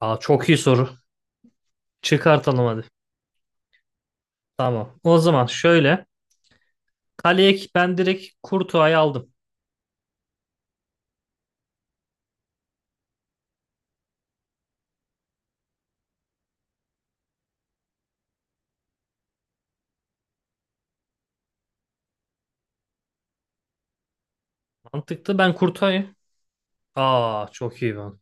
Aa, çok iyi soru. Çıkartalım hadi. Tamam. O zaman şöyle. Kaleye ben direkt Kurtuğa'yı aldım. Mantıklı. Ben Kurtuğa'yı. Aa çok iyi ben.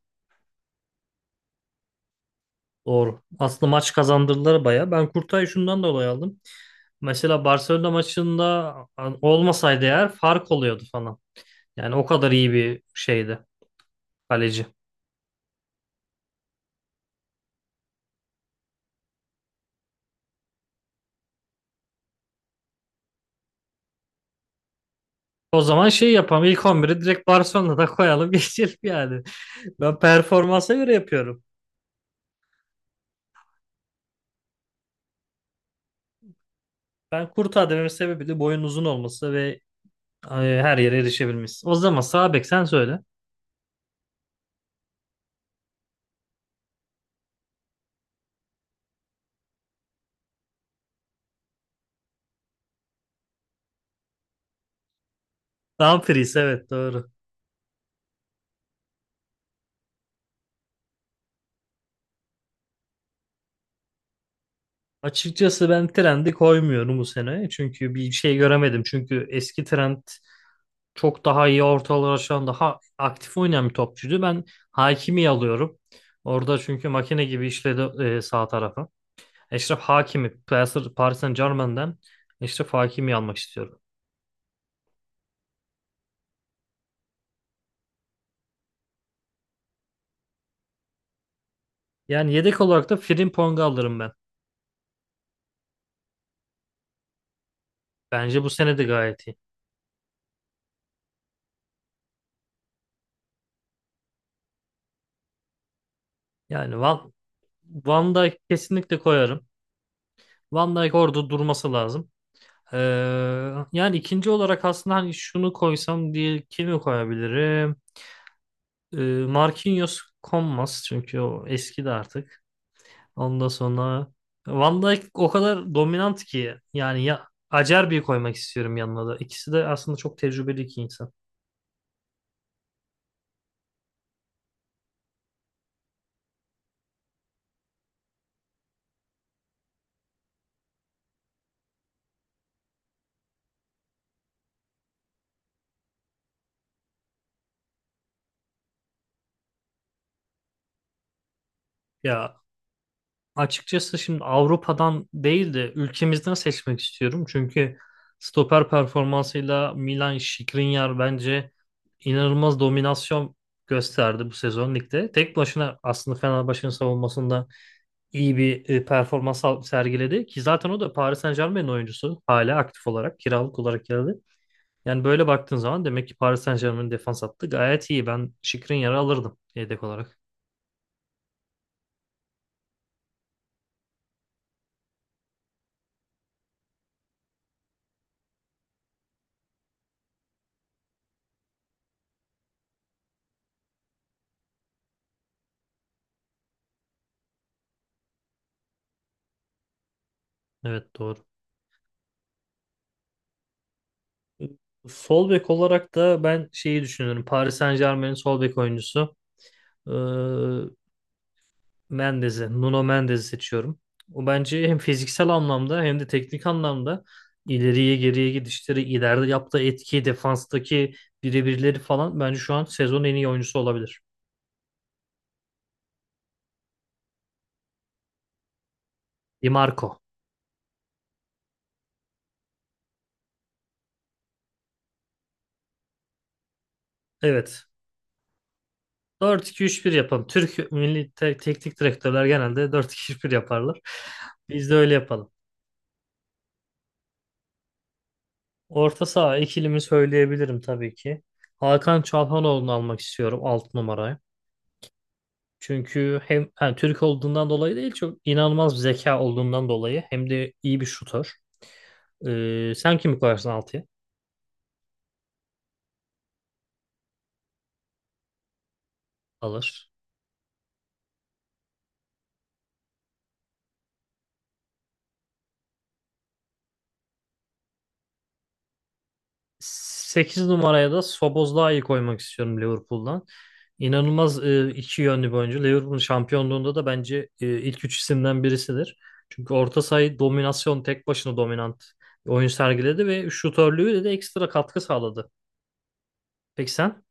Doğru. Aslında maç kazandırdılar baya. Ben Kurtuğa'yı şundan dolayı aldım. Mesela Barcelona maçında olmasaydı eğer fark oluyordu falan. Yani o kadar iyi bir şeydi kaleci. O zaman şey yapalım. İlk 11'i direkt Barcelona'da koyalım. Geçelim yani. Ben performansa göre yapıyorum. Ben Kurtuğa dememin sebebi de boyun uzun olması ve Ay, her yere erişebilmiş. O zaman sağ bek sen söyle. Dumfries evet doğru. Açıkçası ben Trent'i koymuyorum bu sene. Çünkü bir şey göremedim. Çünkü eski Trent çok daha iyi ortalar aşan daha aktif oynayan bir topçuydu. Ben Hakimi alıyorum. Orada çünkü makine gibi işledi sağ tarafı. Eşref Hakimi, Paris Saint-Germain'den Eşref Hakimi almak istiyorum. Yani yedek olarak da Frimpong'u alırım ben. Bence bu sene de gayet iyi. Yani Van Dijk kesinlikle koyarım. Van Dijk orada durması lazım. Ee, yani ikinci olarak aslında hani şunu koysam diye kimi koyabilirim? Ee, Marquinhos konmaz çünkü o eski de artık. Ondan sonra Van Dijk o kadar dominant ki yani ya Acerbi'yi koymak istiyorum yanına da. İkisi de aslında çok tecrübeli iki insan. Ya, açıkçası şimdi Avrupa'dan değil de ülkemizden seçmek istiyorum. Çünkü stoper performansıyla Milan Skriniar bence inanılmaz dominasyon gösterdi bu sezon ligde. Tek başına aslında Fenerbahçe'nin savunmasında iyi bir performans sergiledi ki zaten o da Paris Saint-Germain'in oyuncusu hala aktif olarak kiralık olarak geldi. Yani böyle baktığın zaman demek ki Paris Saint-Germain'in defans hattı gayet iyi. Ben Skriniar'ı alırdım yedek olarak. Evet, doğru. Sol bek olarak da ben şeyi düşünüyorum. Paris Saint-Germain'in sol bek oyuncusu e, Mendes'i, Nuno Mendes'i seçiyorum. O bence hem fiziksel anlamda hem de teknik anlamda ileriye geriye gidişleri, ileride yaptığı etki, defanstaki birebirleri falan bence şu an sezonun en iyi oyuncusu olabilir. Di Marco. Evet. 4-2-3-1 yapalım. Türk milli teknik direktörler genelde 4-2-3-1 yaparlar. Biz de öyle yapalım. Orta saha ikilimi söyleyebilirim tabii ki. Hakan Çalhanoğlu'nu almak istiyorum alt numaraya. Çünkü hem yani Türk olduğundan dolayı değil çok inanılmaz bir zeka olduğundan dolayı hem de iyi bir şutör. Sen kimi koyarsın altıya? Alır. 8 numaraya da Szoboszlai'yi koymak istiyorum Liverpool'dan. İnanılmaz iki yönlü bir oyuncu. Liverpool'un şampiyonluğunda da bence ilk üç isimden birisidir. Çünkü orta sayı dominasyon tek başına dominant oyun sergiledi ve şutörlüğüyle de ekstra katkı sağladı. Peki sen?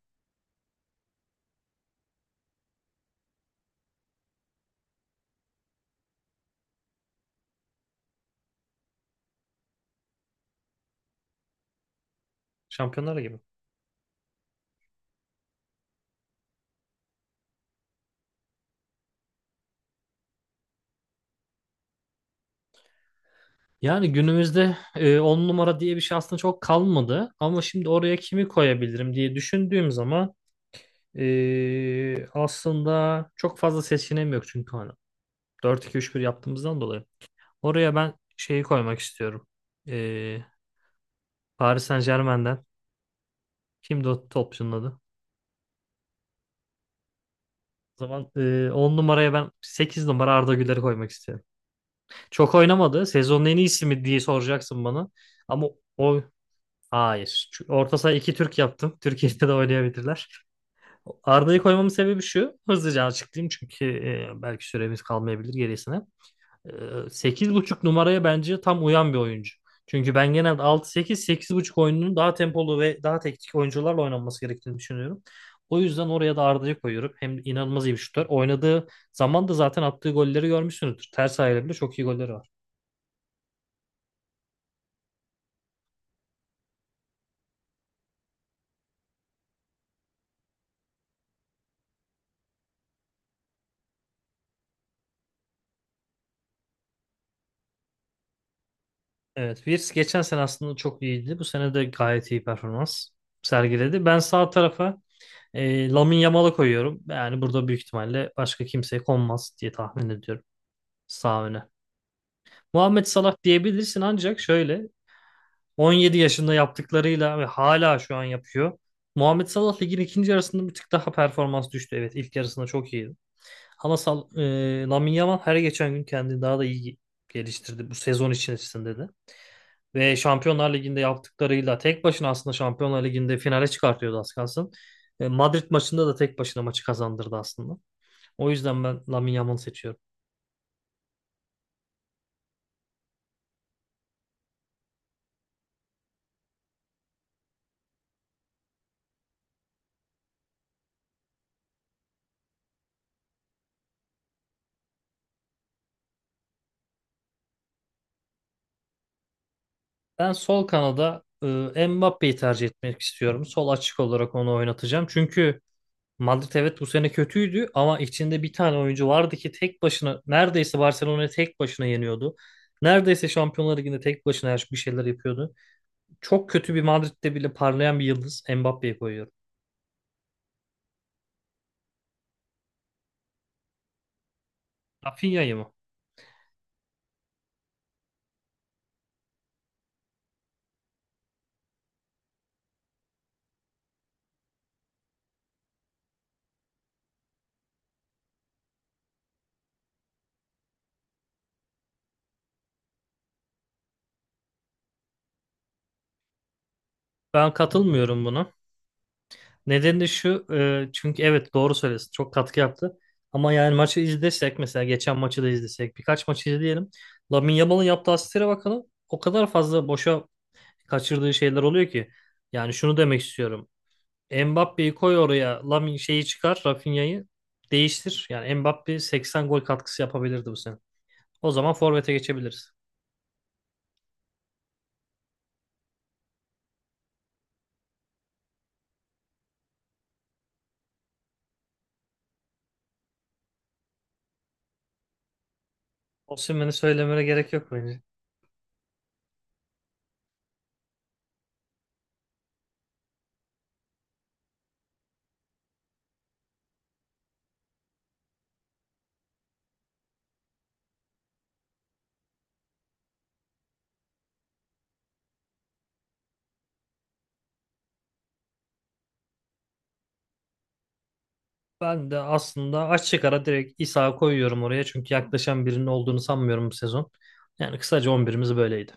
Şampiyonlar gibi. Yani günümüzde 10 numara diye bir şey aslında çok kalmadı. Ama şimdi oraya kimi koyabilirim diye düşündüğüm zaman aslında çok fazla seçeneğim yok çünkü hani 4-2-3-1 yaptığımızdan dolayı. Oraya ben şeyi koymak istiyorum. Ee, Paris Saint-Germain'den. Kimdi o topçunun adı? O zaman 10 numaraya ben 8 numara Arda Güler'i koymak istiyorum. Çok oynamadı. Sezonun en iyisi mi diye soracaksın bana. Ama o hayır. Çünkü orta saha 2 Türk yaptım. Türkiye'de de oynayabilirler. Arda'yı koymamın sebebi şu. Hızlıca açıklayayım çünkü belki süremiz kalmayabilir gerisine. 8,5 numaraya bence tam uyan bir oyuncu. Çünkü ben genelde 6-8, 8,5 oyununun daha tempolu ve daha teknik oyuncularla oynanması gerektiğini düşünüyorum. O yüzden oraya da Arda'yı koyuyorum. Hem inanılmaz iyi bir şutör. Oynadığı zaman da zaten attığı golleri görmüşsünüzdür. Ters ayağıyla bile çok iyi golleri var. Evet, Wirtz geçen sene aslında çok iyiydi. Bu sene de gayet iyi performans sergiledi. Ben sağ tarafa Lamine Yamal'ı koyuyorum. Yani burada büyük ihtimalle başka kimseye konmaz diye tahmin ediyorum sağ öne. Muhammed Salah diyebilirsin ancak şöyle 17 yaşında yaptıklarıyla ve hala şu an yapıyor. Muhammed Salah ligin ikinci yarısında bir tık daha performans düştü. Evet, ilk yarısında çok iyiydi. Ama Lamine Yamal her geçen gün kendini daha da iyi geliştirdi bu sezon içerisinde de. Ve Şampiyonlar Ligi'nde yaptıklarıyla tek başına aslında Şampiyonlar Ligi'nde finale çıkartıyordu az kalsın. Madrid maçında da tek başına maçı kazandırdı aslında. O yüzden ben Lamine Yamal'ı seçiyorum. Ben sol kanada Mbappé'yi tercih etmek istiyorum. Sol açık olarak onu oynatacağım. Çünkü Madrid evet bu sene kötüydü ama içinde bir tane oyuncu vardı ki tek başına neredeyse Barcelona'yı tek başına yeniyordu. Neredeyse Şampiyonlar Ligi'nde tek başına her bir şeyler yapıyordu. Çok kötü bir Madrid'de bile parlayan bir yıldız Mbappe'yi koyuyorum. Rafinha'yı mı? Ben katılmıyorum buna. Nedeni de şu çünkü evet doğru söylüyorsun çok katkı yaptı. Ama yani maçı izlesek mesela geçen maçı da izlesek birkaç maçı izleyelim. Lamine Yamal'ın yaptığı asistlere bakalım. O kadar fazla boşa kaçırdığı şeyler oluyor ki. Yani şunu demek istiyorum. Mbappe'yi koy oraya Lamine şeyi çıkar Rafinha'yı değiştir. Yani Mbappe 80 gol katkısı yapabilirdi bu sene. O zaman forvete geçebiliriz. Osimhen'i söylemene gerek yok bence. Ben de aslında açık ara direkt İsa koyuyorum oraya. Çünkü yaklaşan birinin olduğunu sanmıyorum bu sezon. Yani kısaca 11'imiz böyleydi.